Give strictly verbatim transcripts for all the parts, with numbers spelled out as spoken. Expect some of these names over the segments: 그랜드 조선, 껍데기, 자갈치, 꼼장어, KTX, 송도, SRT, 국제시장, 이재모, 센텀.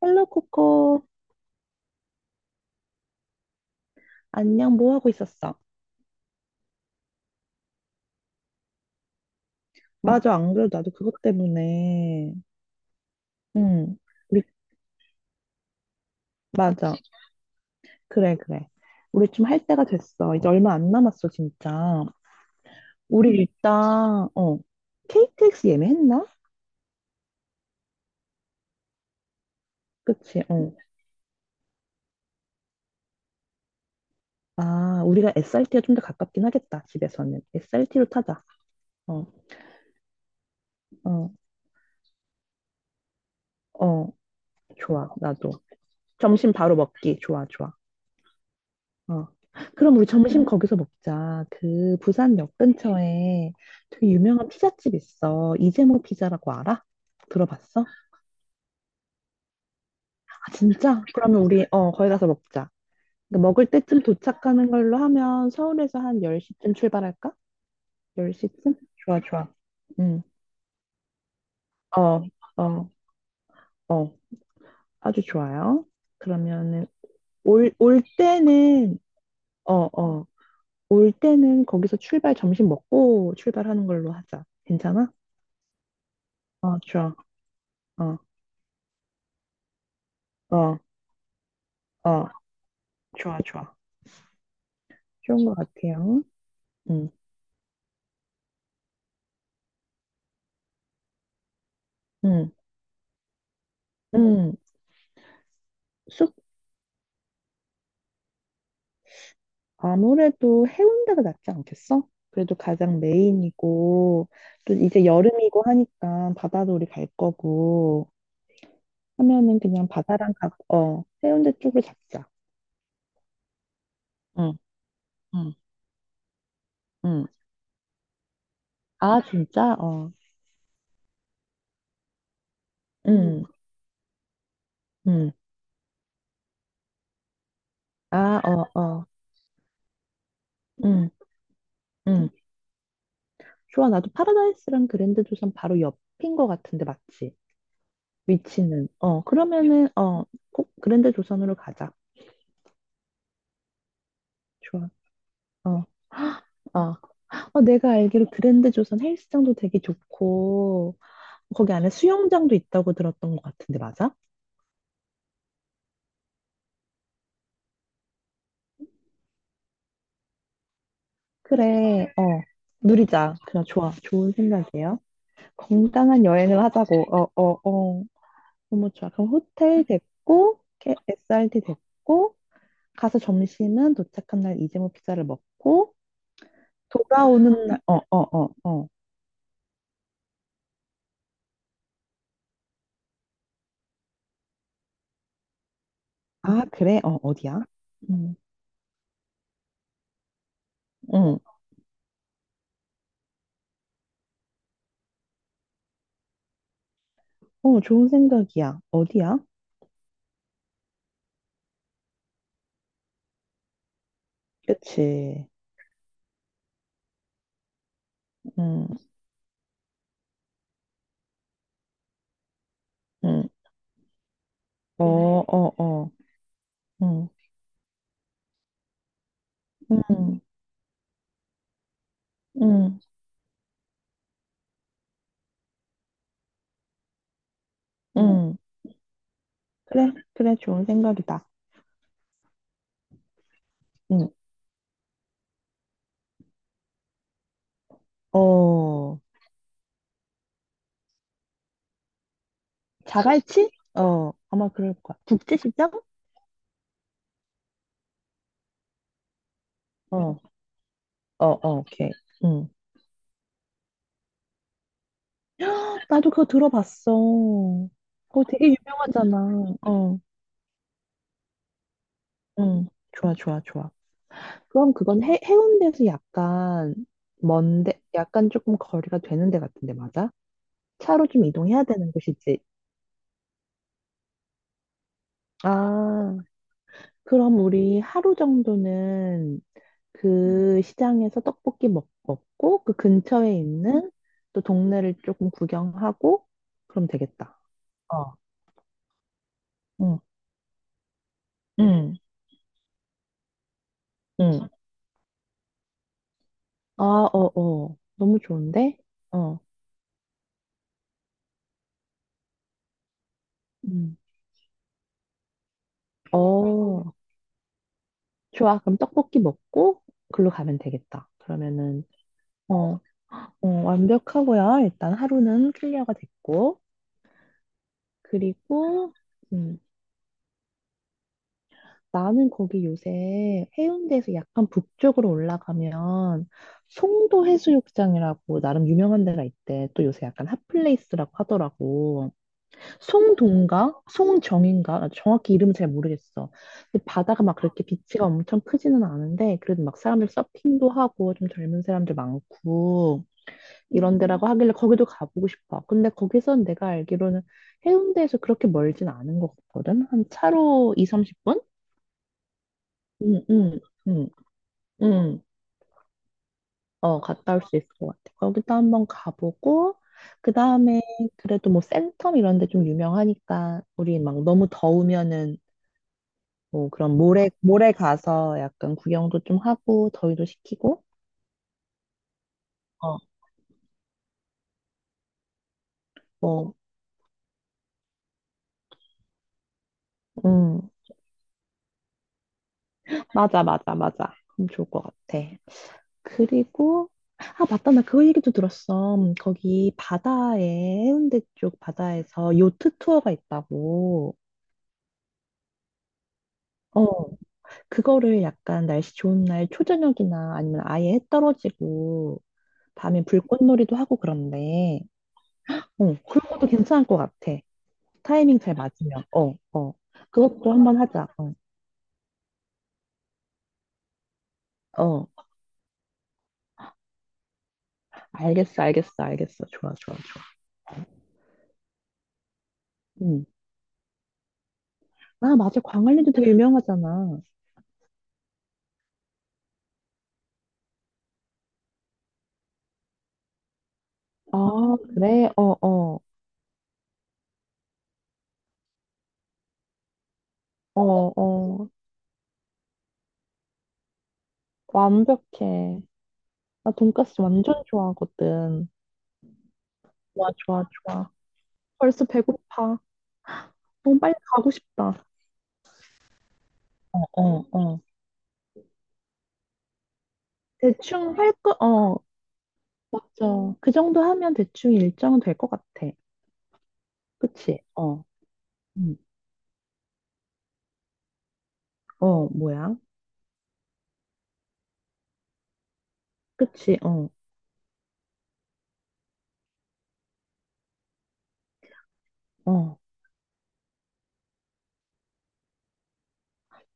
헬로 코코. 안녕, 뭐 하고 있었어? 맞아, 안 그래도 나도 그것 때문에. 응. 우리. 맞아. 그래, 그래. 우리 좀 할 때가 됐어. 이제 얼마 안 남았어, 진짜. 우리 일단 어 케이티엑스 예매했나? 그치. 어아 우리가 에스알티가 좀 더 가깝긴 하겠다. 집에서는 에스알티로 타자. 어어어 좋아. 나도 점심 바로 먹기 좋아, 좋아. 어. 그럼 우리 점심, 응, 거기서 먹자. 그 부산역 근처에 되게 유명한 피자집 있어. 이재모 피자라고 알아? 들어봤어? 아, 진짜? 그러면 우리 어, 거기 가서 먹자. 근데 먹을 때쯤 도착하는 걸로 하면 서울에서 한 열 시쯤 출발할까? 열 시쯤? 좋아, 좋아. 응. 어, 어, 어. 아주 좋아요. 그러면은 올, 올 때는 어, 어. 올 때는 거기서 출발 점심 먹고 출발하는 걸로 하자. 괜찮아? 어, 좋아. 어. 어, 어, 좋아, 좋아. 좋은 것 같아요. 음, 음, 음. 숲, 아무래도 해운대가 낫지 않겠어? 그래도 가장 메인이고, 또 이제 여름이고 하니까 바다도 우리 갈 거고, 하면은 그냥 바다랑 가, 어, 해운대 쪽을 잡자. 응, 응, 응. 아, 진짜? 어, 음. 응, 응. 아, 어, 어, 응, 응. 좋아, 나도 파라다이스랑 그랜드 조선 바로 옆인 것 같은데, 맞지? 위치는. 어, 그러면은, 어, 꼭 그랜드 조선으로 가자. 좋아. 어, 어. 어, 내가 알기로 그랜드 조선 헬스장도 되게 좋고, 거기 안에 수영장도 있다고 들었던 것 같은데, 맞아? 그래, 어. 누리자. 그냥 좋아. 좋은 생각이에요. 건강한 여행을 하자고. 어, 어, 어. 너무 좋아. 그럼 호텔 됐고, 이렇게 에스알티 됐고, 가서 점심은 도착한 날 이재모 피자를 먹고, 돌아오는 날, 어, 어, 어, 어. 아, 그래? 어, 어디야? 음. 응. 어, 좋은 생각이야. 어디야? 그치. 응, 응. 어, 어, 어. 응, 응, 응, 응. 그래, 그래, 좋은 생각이다. 응. 어, 자갈치? 어, 아마 그럴 거야. 국제시장? 어, 어, 어, 오케이. 응. 나도 그거 들어봤어. 그거 되게 유명하잖아. 어, 응. 좋아, 좋아, 좋아. 그럼 그건 해, 해운대에서 약간 먼데, 약간 조금 거리가 되는 데 같은데, 맞아? 차로 좀 이동해야 되는 곳이지. 아, 그럼 우리 하루 정도는 그 시장에서 떡볶이 먹, 먹고 그 근처에 있는 또 동네를 조금 구경하고 그럼 되겠다. 어, 응, 응, 응. 아, 어, 어. 너무 좋은데? 어, 응. 어, 좋아. 그럼 떡볶이 먹고 글로 가면 되겠다. 그러면은, 어, 어, 완벽하고요. 일단 하루는 클리어가 됐고. 그리고, 음, 나는 거기 요새 해운대에서 약간 북쪽으로 올라가면 송도 해수욕장이라고 나름 유명한 데가 있대. 또 요새 약간 핫플레이스라고 하더라고. 송동가 송정인가? 아, 정확히 이름은 잘 모르겠어. 근데 바다가 막 그렇게 비치가 엄청 크지는 않은데 그래도 막 사람들 서핑도 하고 좀 젊은 사람들 많고 이런 데라고 음. 하길래 거기도 가보고 싶어. 근데 거기선 내가 알기로는 해운대에서 그렇게 멀진 않은 것 같거든. 한 차로 이, 삼십 분? 응, 응, 응, 응. 어, 갔다 올 수 있을 것 같아. 거기도 한번 가보고, 그 다음에 그래도 뭐 센텀 이런 데 좀 유명하니까, 우리 막 너무 더우면은 뭐 그런 모래, 모래 가서 약간 구경도 좀 하고, 더위도 식히고, 어, 뭐, 응. 맞아, 맞아, 맞아. 그럼 좋을 것 같아. 그리고, 아, 맞다. 나 그 얘기도 들었어. 거기 바다에, 해운대 쪽 바다에서 요트 투어가 있다고. 어. 그거를 약간 날씨 좋은 날 초저녁이나 아니면 아예 해 떨어지고 밤에 불꽃놀이도 하고 그런데 어, 그런 것도 괜찮을 것 같아. 타이밍 잘 맞으면. 어, 그것도 한번 하자. 어, 어, 알겠어, 알겠어, 알겠어. 좋아, 좋아, 좋아. 음. 아, 맞아. 광안리도 되게 유명하잖아. 아, 그래? 어, 어, 어, 어. 완벽해. 나 돈까스 완전 좋아하거든. 좋아, 좋아, 좋아. 벌써 배고파. 너무 빨리 가고 싶다. 어, 어. 대충 할 거, 어, 맞아. 음. 그 정도 하면 대충 일정은 될 것 같아. 그치? 어, 음, 어, 뭐야? 그치? 어, 어.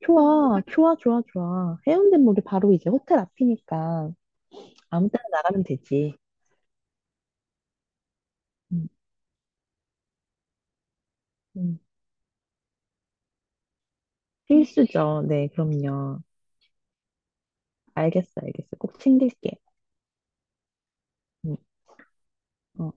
좋아, 좋아, 좋아, 좋아. 해운대는 우리 바로 이제 호텔 앞이니까 아무 때나 나가면 되지. 음, 음. 필수죠. 네, 그럼요. 알겠어, 알겠어. 꼭 챙길게. 음, 어.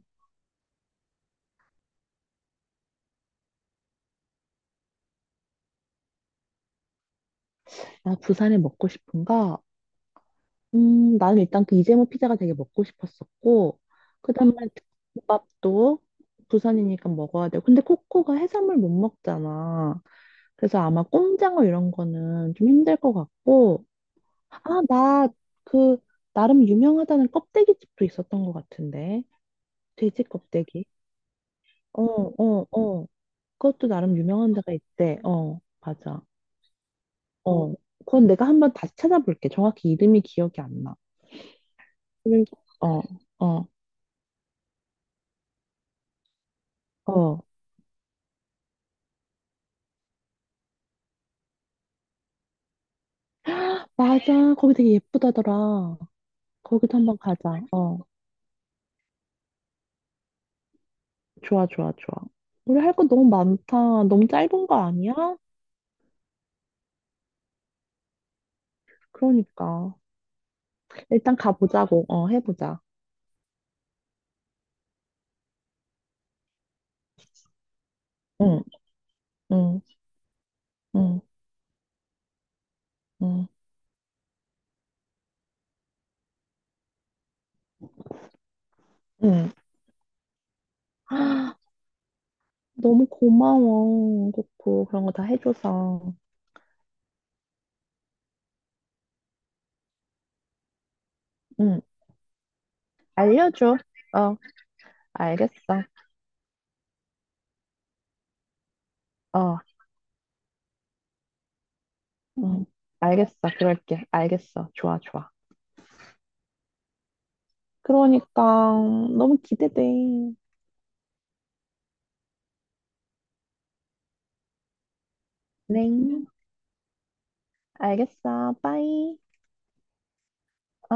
나 부산에 먹고 싶은 거 음, 나는 일단 그 이재모 피자가 되게 먹고 싶었었고, 그 다음에 국밥도 부산이니까 먹어야 돼요. 근데 코코가 해산물 못 먹잖아. 그래서 아마 꼼장어 이런 거는 좀 힘들 것 같고, 아, 나 그, 나름 유명하다는 껍데기집도 있었던 것 같은데. 돼지 껍데기. 어, 어, 어. 그것도 나름 유명한 데가 있대. 어, 맞아. 어. 그건 내가 한번 다시 찾아볼게. 정확히 이름이 기억이 안 나. 그리고, 어, 어, 어. 맞아. 거기 되게 예쁘다더라. 거기도 한번 가자. 어. 좋아, 좋아, 좋아. 우리 할 거 너무 많다. 너무 짧은 거 아니야? 그러니까. 일단 가보자고. 어, 해보자. 응, 응, 응, 응, 응. 아, 너무 고마워. 고코. 그런 거 다 해줘서. 응, 알려줘. 어, 알겠어. 어, 응, 알겠어. 그럴게. 알겠어. 좋아, 좋아. 그러니까. 너무 기대돼. 네, 알겠어. 빠이. 어.